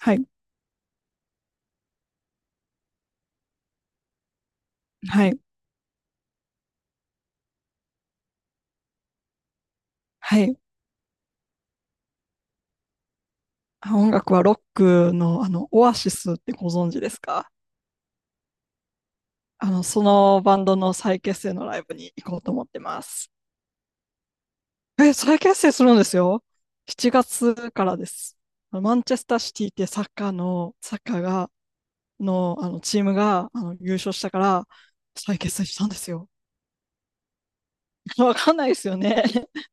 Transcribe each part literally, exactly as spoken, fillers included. はい、はい、はい。あ、音楽はロックの、あの、オアシスってご存知ですか？あの、そのバンドの再結成のライブに行こうと思ってます。え、再結成するんですよ。しちがつからです。あのマンチェスターシティってサッカーの、サッカーが、の、あの、チームが、あの、優勝したから、再結成したんですよ。わかんないですよね。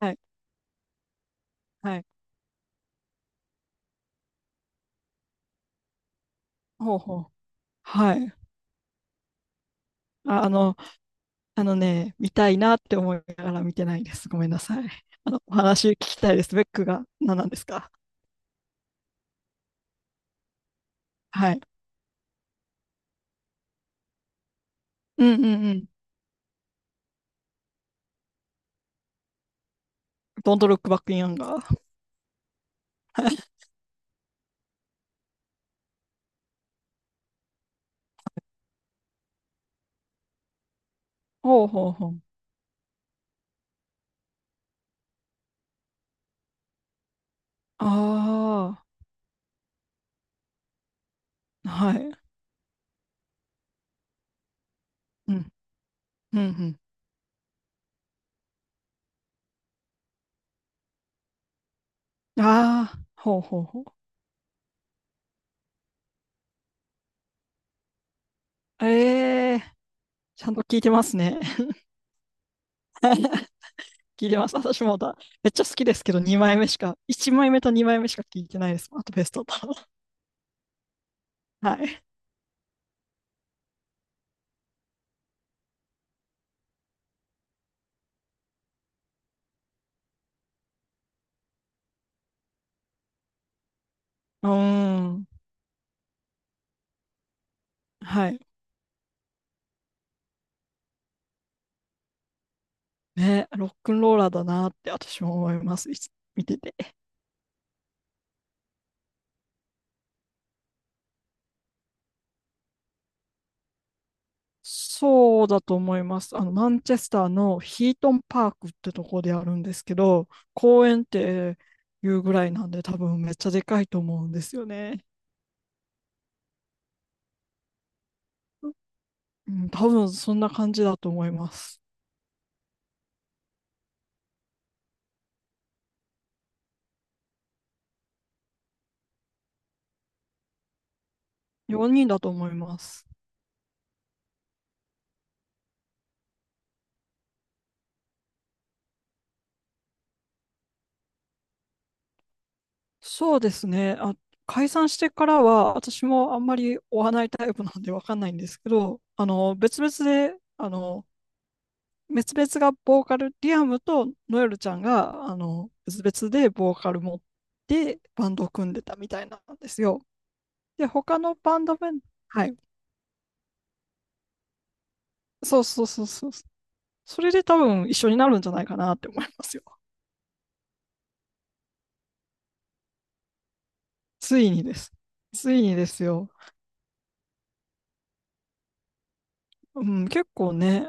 はい、はい。ほうほう。はい。あ、あの、あのね、見たいなって思いながら見てないです。ごめんなさい。あの、お話聞きたいです。ベックが何なんですか？はい。うんうんうん。Don't look back in anger. はい。ほうほうほう。ああ、はい。うん、うん、うん。ああ、ほうほうほう。ええ、ちゃんと聞いてますね。聞いてます。私もまだ、めっちゃ好きですけど、にまいめしか、いちまいめとにまいめしか聞いてないです。あとベストだ。はい。うーん。はい。ね、ロックンローラーだなって私も思います。いつ見てて。そうだと思います。あの、マンチェスターのヒートンパークってとこであるんですけど、公園っていうぐらいなんで多分めっちゃでかいと思うんですよね。うん、多分そんな感じだと思います。よにんだと思います。そうですね。あ、解散してからは私もあんまり追わないタイプなんでわかんないんですけど、あの、別々で、あの、別々がボーカル、リアムとノエルちゃんが、あの、別々でボーカル持ってバンドを組んでたみたいなんですよ。で、他のバンドメン、はい。そうそうそうそう。それで多分一緒になるんじゃないかなって思いますよ。ついにです。ついにですよ。うん、結構ね、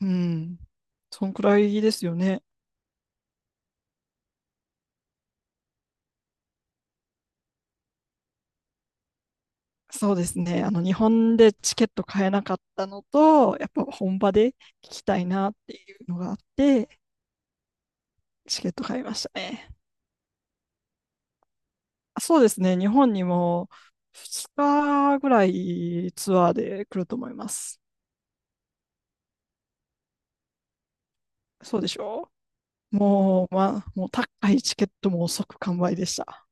うん、そんくらいですよね。そうですね。あの、日本でチケット買えなかったのと、やっぱ本場で聞きたいなっていうのがあって、チケット買いましたね。そうですね。日本にもふつかぐらいツアーで来ると思います。そうでしょう。もう、まあ、もう高いチケットも即完売でした。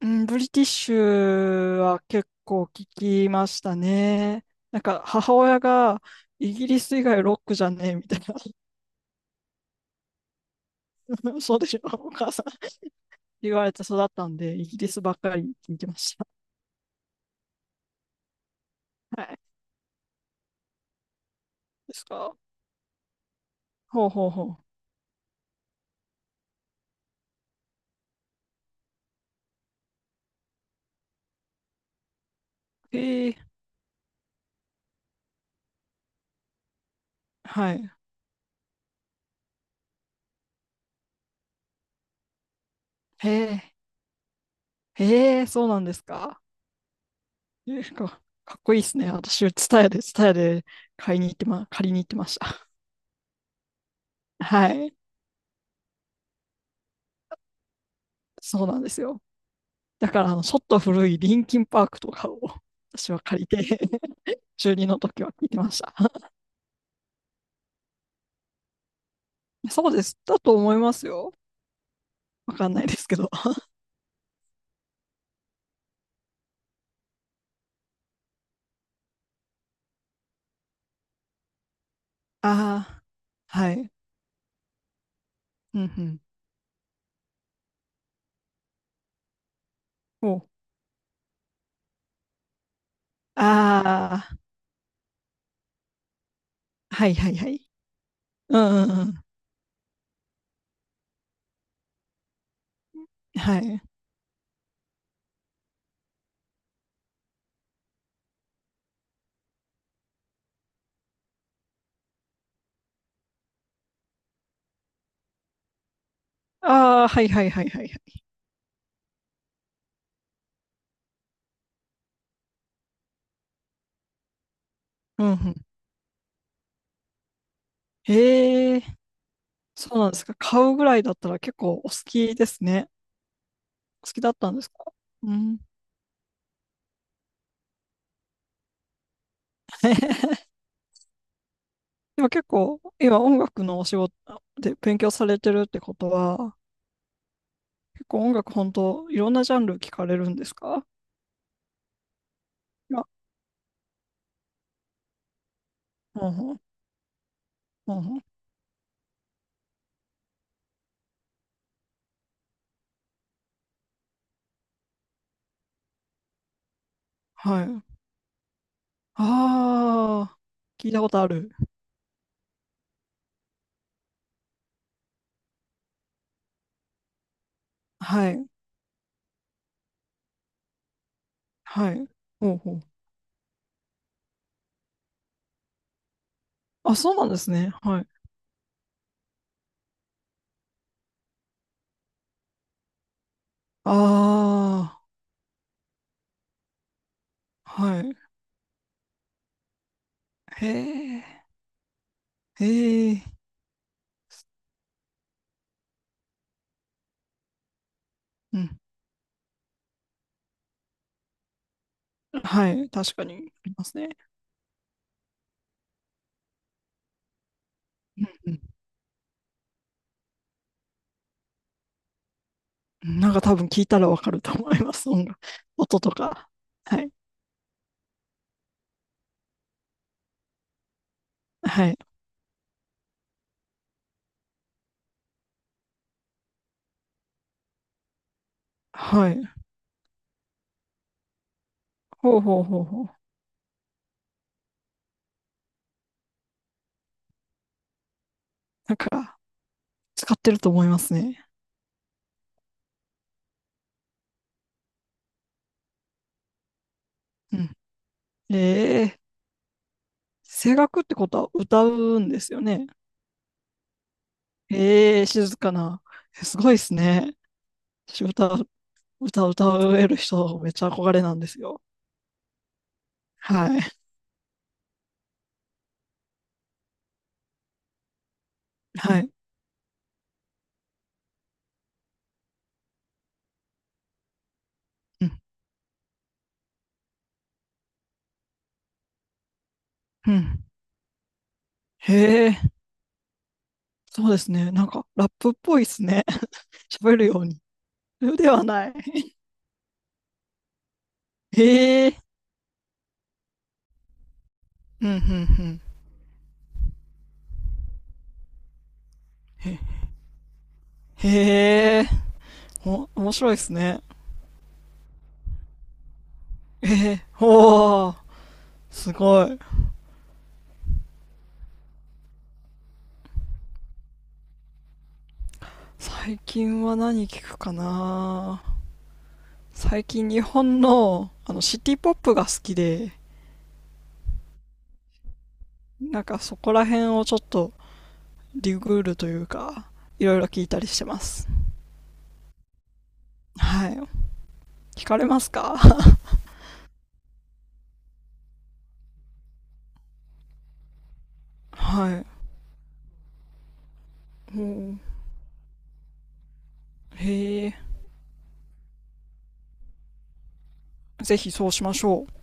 うん、ブリティッシュは結構聞きましたね。なんか母親がイギリス以外ロックじゃねえみたいな、そうでしょお母さん言われて育ったんで、イギリスばっかり聞いてました。はい。ですか。ほうほうほう。へえ、はい。へえ、へえ、そうなんですか？ですか。かっこいいですね。私、ツタヤで、ツタヤで買いに行ってま、借りに行ってました。はい。そうなんですよ。だから、あの、ちょっと古いリンキンパークとかを 私は借りて 中にの時は聞いてました。そうです。だと思いますよ。わかんないですけど。ああ、はい。うんうん。お、ああ、はいはいはい。うんうんうん。はい。ああ、はいはいはいはい。うんうん。へえ、そうなんですか。買うぐらいだったら結構お好きですね。好きだったんですか？うん。でも結構、今音楽のお仕事で勉強されてるってことは、結構音楽本当、いろんなジャンル聞かれるんですか？あ、うんうん、うんほん。はい。ああ、聞いたことある。はい、はい。ほうほう。あ、そうなんですね。はい。ああ、はい。へえ、へえ。うん。はい、確かにありますね。うん。なんか多分聞いたらわかると思います。音楽、音とか。はい。はい。はい。ほうほうほうほう。なんか、使ってると思いますね。うん。ええ、声楽ってことは歌うんですよね。ええ静かな。え、すごいですね。私歌う、歌う、歌える人、めっちゃ憧れなんですよ。はい。はい。うん。うん。へえ、そうですね。なんか、ラップっぽいですね。喋るように。ではない。へえ、うん、うん、うん。へ、へえ、お、面白いですね。ええ、おー。すごい。最近は何聞くかな。最近日本の、あの、シティポップが好きで、なんかそこら辺をちょっとリグールというか、いろいろ聞いたりしてます。はい。聞かれますか？はい。もう、へえ。ぜひそうしましょう。